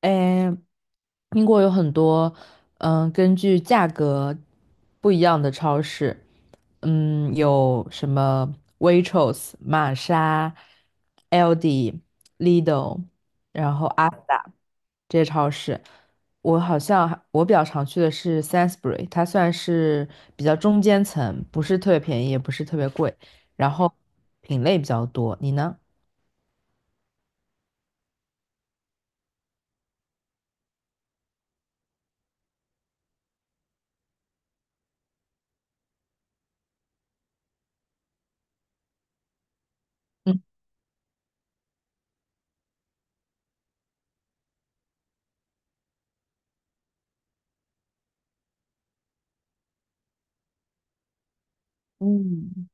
诶，英国有很多，根据价格不一样的超市，有什么 Waitrose、玛莎、Aldi、Lidl，然后 Asda 这些超市。我好像还我比较常去的是 Sainsbury，它算是比较中间层，不是特别便宜，也不是特别贵，然后品类比较多。你呢？嗯嗯。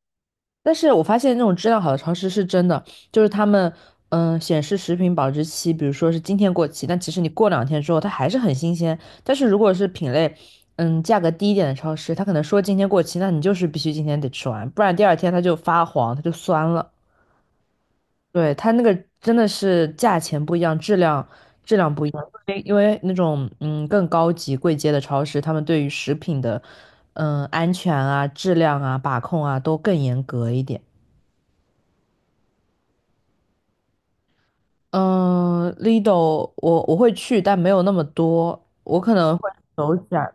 但是我发现那种质量好的超市是真的，就是他们显示食品保质期，比如说是今天过期，但其实你过两天之后它还是很新鲜。但是如果是品类价格低一点的超市，它可能说今天过期，那你就是必须今天得吃完，不然第二天它就发黄，它就酸了。对，它那个真的是价钱不一样，质量质量不一样，因为那种更高级贵阶的超市，他们对于食品的安全啊、质量啊、把控啊都更严格一点。嗯，Lido 我会去，但没有那么多，我可能会走一下。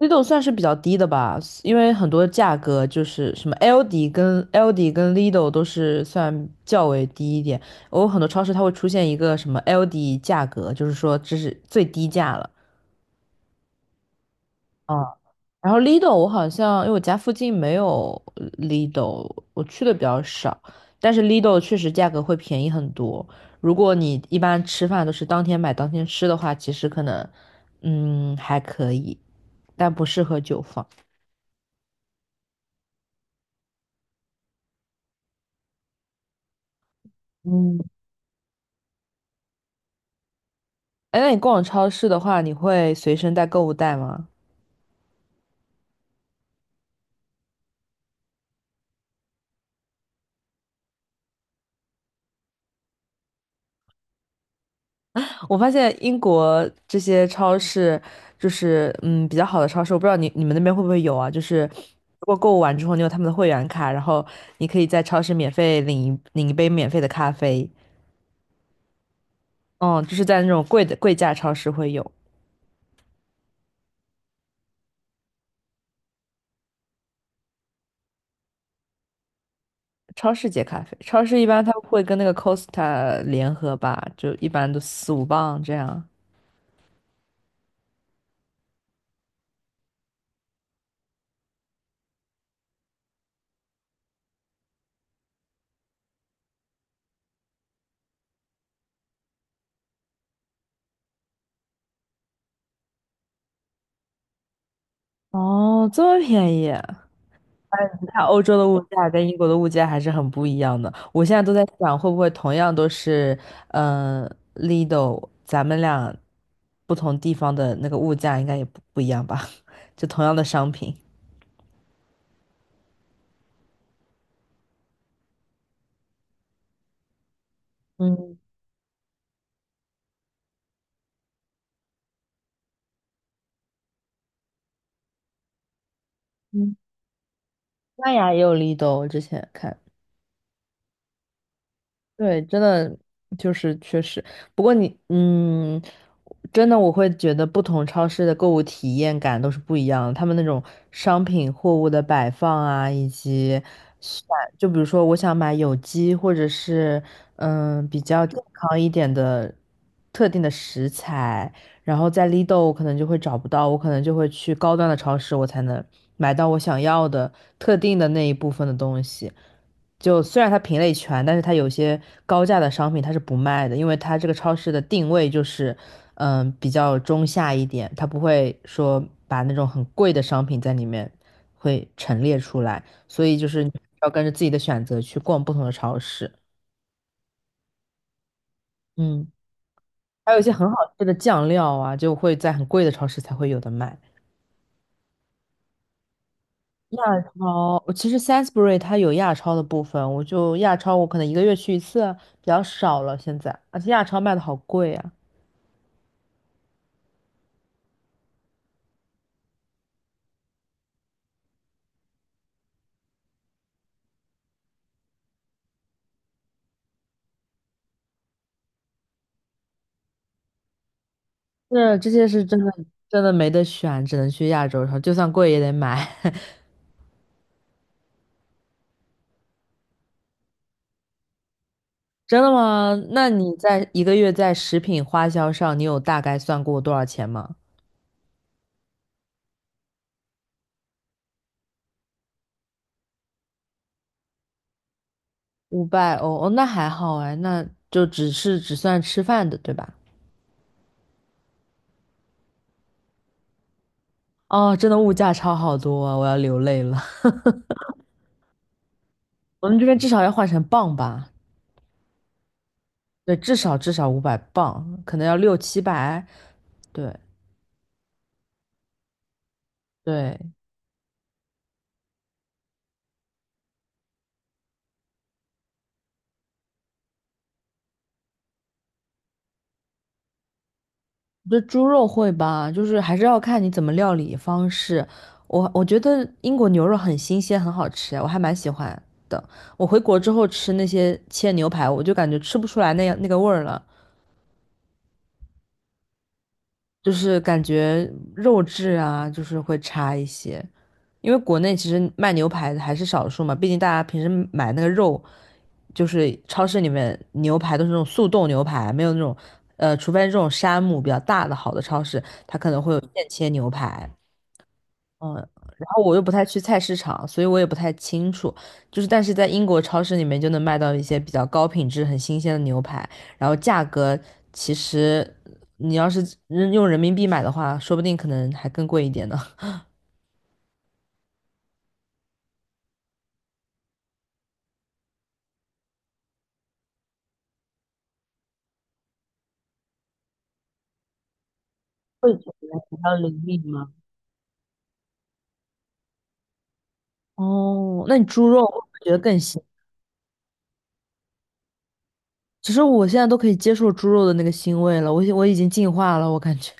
Lido 算是比较低的吧，因为很多价格就是什么 LD 跟 LD 跟 Lido 都是算较为低一点。我有很多超市它会出现一个什么 LD 价格，就是说这是最低价了。啊，然后 Lido 我好像因为我家附近没有 Lido，我去的比较少，但是 Lido 确实价格会便宜很多。如果你一般吃饭都是当天买当天吃的话，其实可能还可以，但不适合久放。嗯，哎，那你逛超市的话，你会随身带购物袋吗？我发现英国这些超市，就是比较好的超市，我不知道你们那边会不会有啊？就是如果购物完之后，你有他们的会员卡，然后你可以在超市免费领一杯免费的咖啡。嗯，就是在那种贵价超市会有超市接咖啡，超市一般它会跟那个 Costa 联合吧，就一般都四五磅这样。哦，这么便宜。看欧洲的物价跟英国的物价还是很不一样的。我现在都在想，会不会同样都是，嗯、Lido 咱们俩不同地方的那个物价应该也不一样吧？就同样的商品。嗯嗯，西班牙也有 Lidl，我之前看。对，真的就是确实。不过你，真的我会觉得不同超市的购物体验感都是不一样的。他们那种商品货物的摆放啊，以及选，就比如说我想买有机或者是比较健康一点的特定的食材，然后在 Lidl 我可能就会找不到，我可能就会去高端的超市，我才能买到我想要的特定的那一部分的东西。就虽然它品类全，但是它有些高价的商品它是不卖的，因为它这个超市的定位就是，比较中下一点，它不会说把那种很贵的商品在里面会陈列出来，所以就是你要跟着自己的选择去逛不同的超市。嗯，还有一些很好吃的酱料啊，就会在很贵的超市才会有的卖。亚超，我其实 Sainsbury 它有亚超的部分，我就亚超我可能一个月去一次啊，比较少了现在，而且亚超卖的好贵啊。是这些是真的，真的没得选，只能去亚洲然后就算贵也得买。真的吗？那你在一个月在食品花销上，你有大概算过多少钱吗？500欧，哦，那还好哎，那就只算吃饭的，对吧？哦，真的物价差好多啊，我要流泪了。我们这边至少要换成磅吧？对，至少500磅，可能要六七百。对对，这猪肉会吧，就是还是要看你怎么料理方式。我觉得英国牛肉很新鲜，很好吃，我还蛮喜欢的。我回国之后吃那些切牛排，我就感觉吃不出来那样那个味儿了，就是感觉肉质啊，就是会差一些。因为国内其实卖牛排的还是少数嘛，毕竟大家平时买那个肉，就是超市里面牛排都是那种速冻牛排，没有那种，除非这种山姆比较大的好的超市，它可能会有现切牛排。嗯，然后我又不太去菜市场，所以我也不太清楚。就是，但是在英国超市里面就能买到一些比较高品质、很新鲜的牛排，然后价格其实你要是用人民币买的话，说不定可能还更贵一点呢。会比较灵敏吗？哦，那你猪肉会不会觉得更腥？其实我现在都可以接受猪肉的那个腥味了，我已经进化了，我感觉。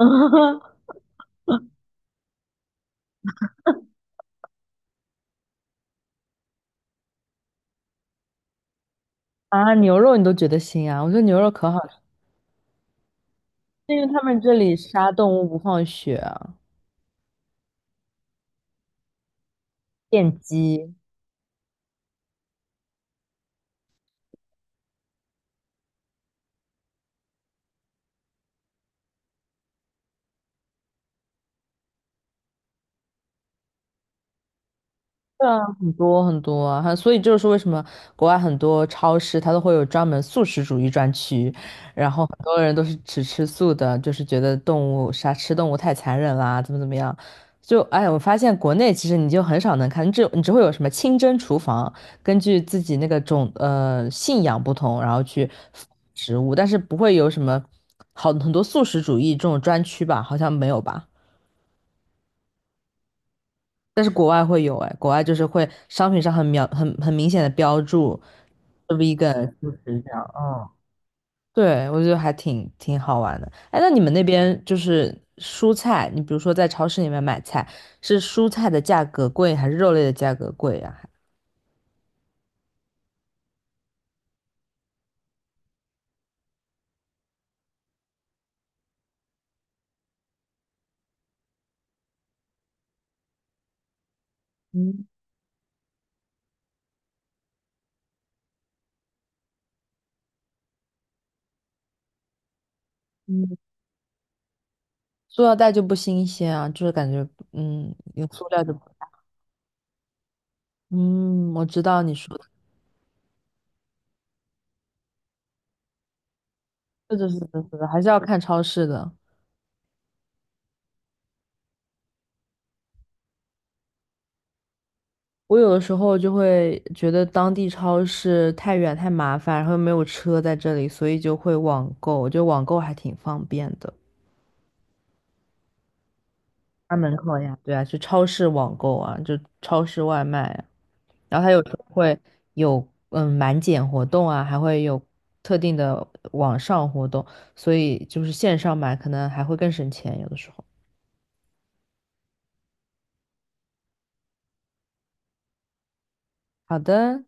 啊，牛肉你都觉得腥啊？我觉得牛肉可好吃，因为他们这里杀动物不放血，电机，对啊，很多很多啊，还所以就是为什么国外很多超市它都会有专门素食主义专区，然后很多人都是只吃素的，就是觉得动物杀吃动物太残忍啦，怎么样。就哎，我发现国内其实你就很少能看，你只会有什么清真厨房，根据自己那个种信仰不同，然后去食物，但是不会有什么好很多素食主义这种专区吧？好像没有吧？但是国外会有哎，国外就是会商品上很描很很明显的标注是 vegan 素食这样，对，我觉得还挺好玩的。哎，那你们那边就是蔬菜，你比如说在超市里面买菜，是蔬菜的价格贵还是肉类的价格贵呀、嗯，塑料袋就不新鲜啊，就是感觉用塑料就不，嗯，我知道你说的，这就是还是要看超市的。我有的时候就会觉得当地超市太远太麻烦，然后又没有车在这里，所以就会网购。我觉得网购还挺方便的，家门口呀，对啊，去超市网购啊，就超市外卖啊。然后它有时候会有满减活动啊，还会有特定的网上活动，所以就是线上买可能还会更省钱，有的时候。好的。